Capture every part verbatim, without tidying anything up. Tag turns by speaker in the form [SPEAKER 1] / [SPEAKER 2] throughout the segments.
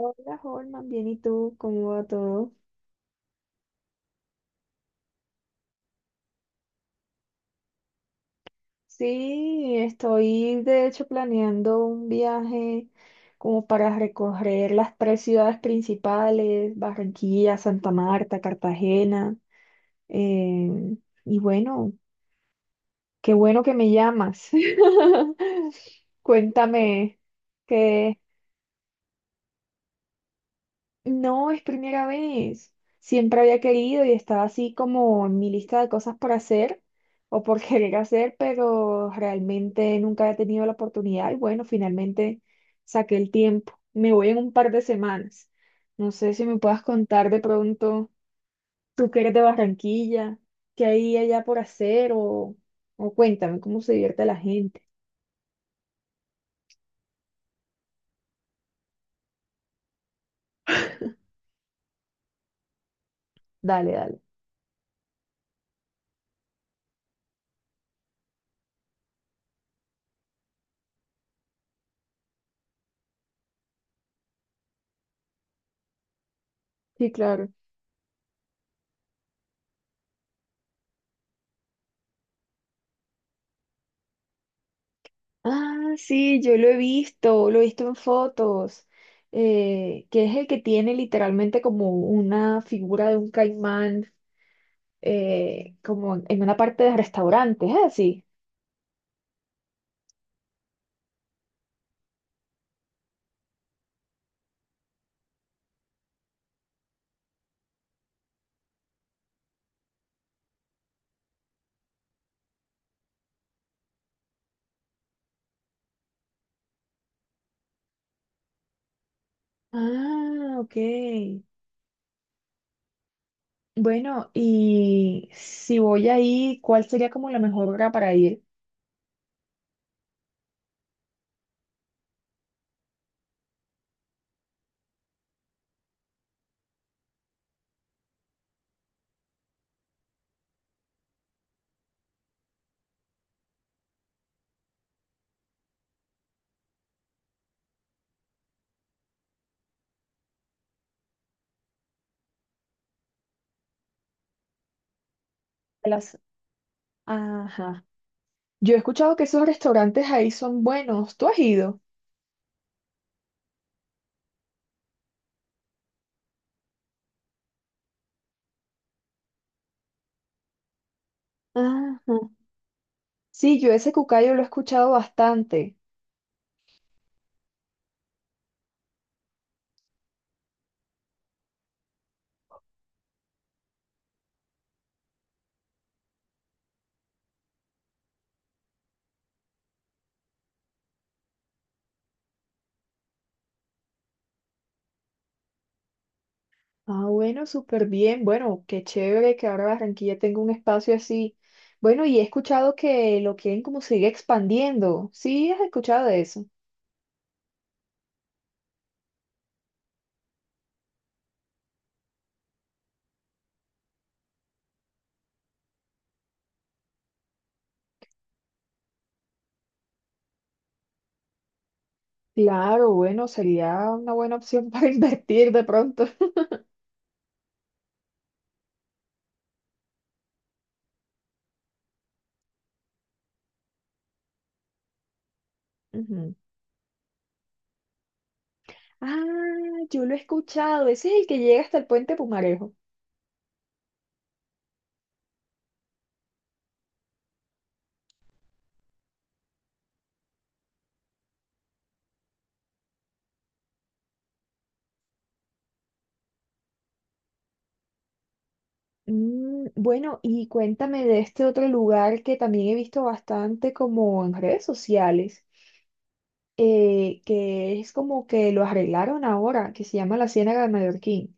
[SPEAKER 1] Hola, Holman, bien, ¿y tú? ¿Cómo va todo? Sí, estoy de hecho planeando un viaje como para recorrer las tres ciudades principales, Barranquilla, Santa Marta, Cartagena. em, y bueno, qué bueno que me llamas. Cuéntame, ¿qué, no, es primera vez. Siempre había querido y estaba así como en mi lista de cosas por hacer o por querer hacer, pero realmente nunca había tenido la oportunidad y bueno, finalmente saqué el tiempo. Me voy en un par de semanas. No sé si me puedas contar de pronto, tú que eres de Barranquilla, qué hay allá por hacer o, o cuéntame cómo se divierte la gente. Dale, dale. Sí, claro. Ah, sí, yo lo he visto, lo he visto en fotos, eh, que es el que tiene literalmente como una figura de un caimán, eh, como en una parte de restaurante, ¿es así? Ah, ok. Bueno, y si voy ahí, ¿cuál sería como la mejor hora para ir? A las... Ajá. Yo he escuchado que esos restaurantes ahí son buenos, ¿tú has ido? Ajá. Sí, yo ese cucayo lo he escuchado bastante. Ah, bueno, súper bien. Bueno, qué chévere que ahora Barranquilla tenga un espacio así. Bueno, y he escuchado que lo quieren como seguir expandiendo. ¿Sí has escuchado de eso? Claro, bueno, sería una buena opción para invertir de pronto. Ujú. Ah, yo lo he escuchado. Ese es el que llega hasta el puente Pumarejo. Mm, bueno, y cuéntame de este otro lugar que también he visto bastante como en redes sociales, eh, que es como que lo arreglaron ahora, que se llama la Ciénaga de Mallorquín.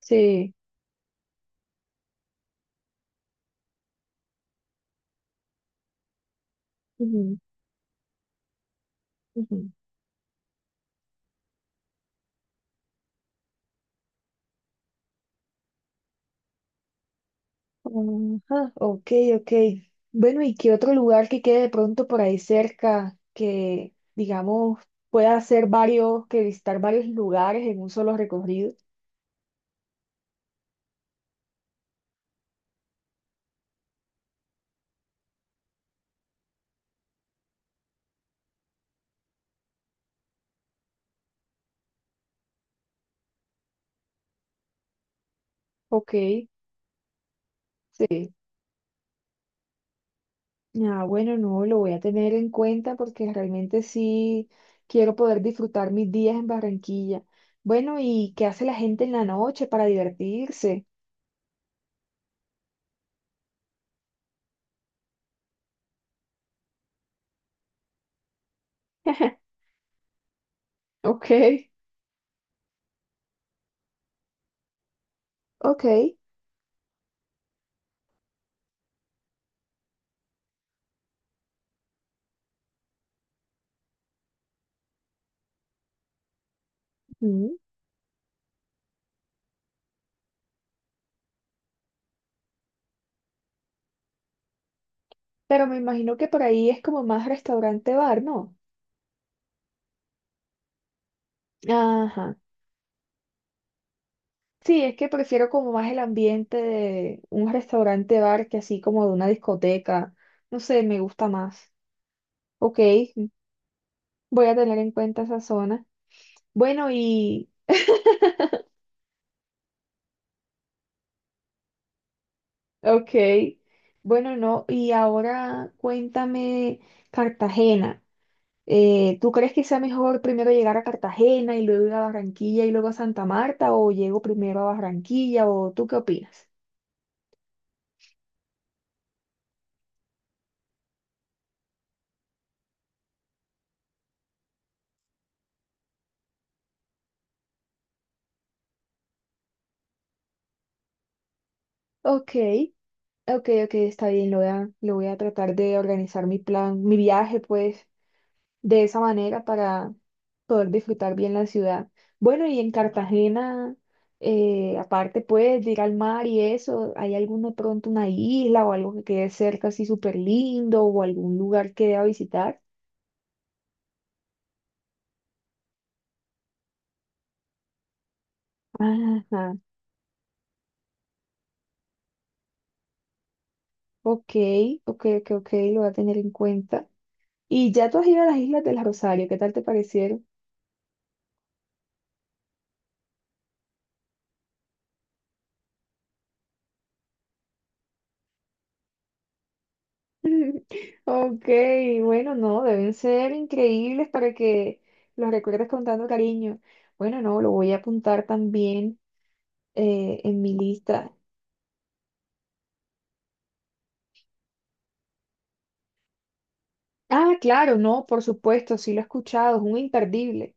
[SPEAKER 1] Sí. Ujú, ujú. Ajá, ok, ok. Bueno, ¿y qué otro lugar que quede de pronto por ahí cerca que, digamos, pueda hacer varios, que visitar varios lugares en un solo recorrido? Ok, sí. Ah, bueno, no, lo voy a tener en cuenta porque realmente sí quiero poder disfrutar mis días en Barranquilla. Bueno, ¿y qué hace la gente en la noche para divertirse? Ok, ok. Pero me imagino que por ahí es como más restaurante bar, ¿no? Ajá. Sí, es que prefiero como más el ambiente de un restaurante bar que así como de una discoteca. No sé, me gusta más. Ok, voy a tener en cuenta esa zona. Bueno, y... Ok. Bueno, no. Y ahora cuéntame Cartagena. Eh, ¿tú crees que sea mejor primero llegar a Cartagena y luego ir a Barranquilla y luego a Santa Marta o llego primero a Barranquilla o tú qué opinas? Ok. Ok, ok, está bien, lo voy a, lo voy a tratar de organizar mi plan, mi viaje, pues, de esa manera para poder disfrutar bien la ciudad. Bueno, y en Cartagena, eh, aparte, pues, de ir al mar y eso, ¿hay alguno pronto una isla o algo que quede cerca así súper lindo o algún lugar que deba visitar? Ajá, ok, ok, ok, ok, lo voy a tener en cuenta. Y ya tú has ido a las Islas del Rosario, ¿qué tal te parecieron? Ok, bueno, no, deben ser increíbles para que los recuerdes con tanto cariño. Bueno, no, lo voy a apuntar también eh, en mi lista. Ah, claro, no, por supuesto, sí lo he escuchado, es un imperdible.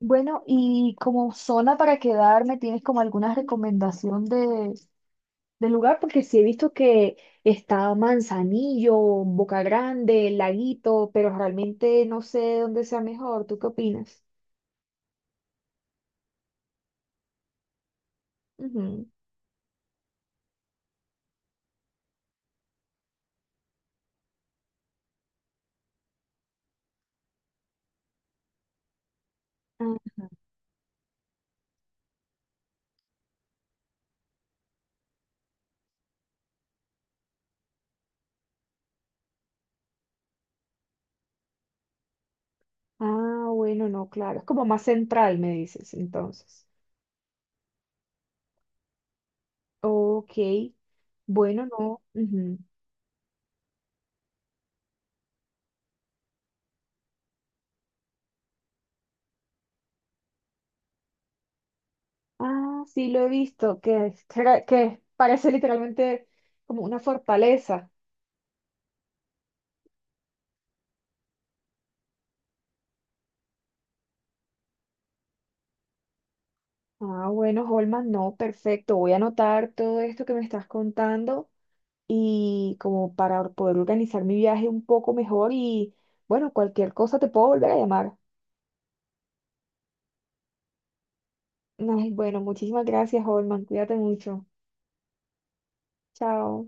[SPEAKER 1] Bueno, y como zona para quedarme, ¿tienes como alguna recomendación de, de lugar? Porque sí he visto que está Manzanillo, Boca Grande, Laguito, pero realmente no sé dónde sea mejor. ¿Tú qué opinas? Ujú. Ah, bueno, no, claro. Es como más central, me dices, entonces. Ok, bueno, no. Ujú. Ah, sí, lo he visto, que, es- cra- que parece literalmente como una fortaleza. Ah, bueno, Holman, no, perfecto. Voy a anotar todo esto que me estás contando y como para poder organizar mi viaje un poco mejor y, bueno, cualquier cosa te puedo volver a llamar. Ay, bueno, muchísimas gracias, Holman. Cuídate mucho. Chao.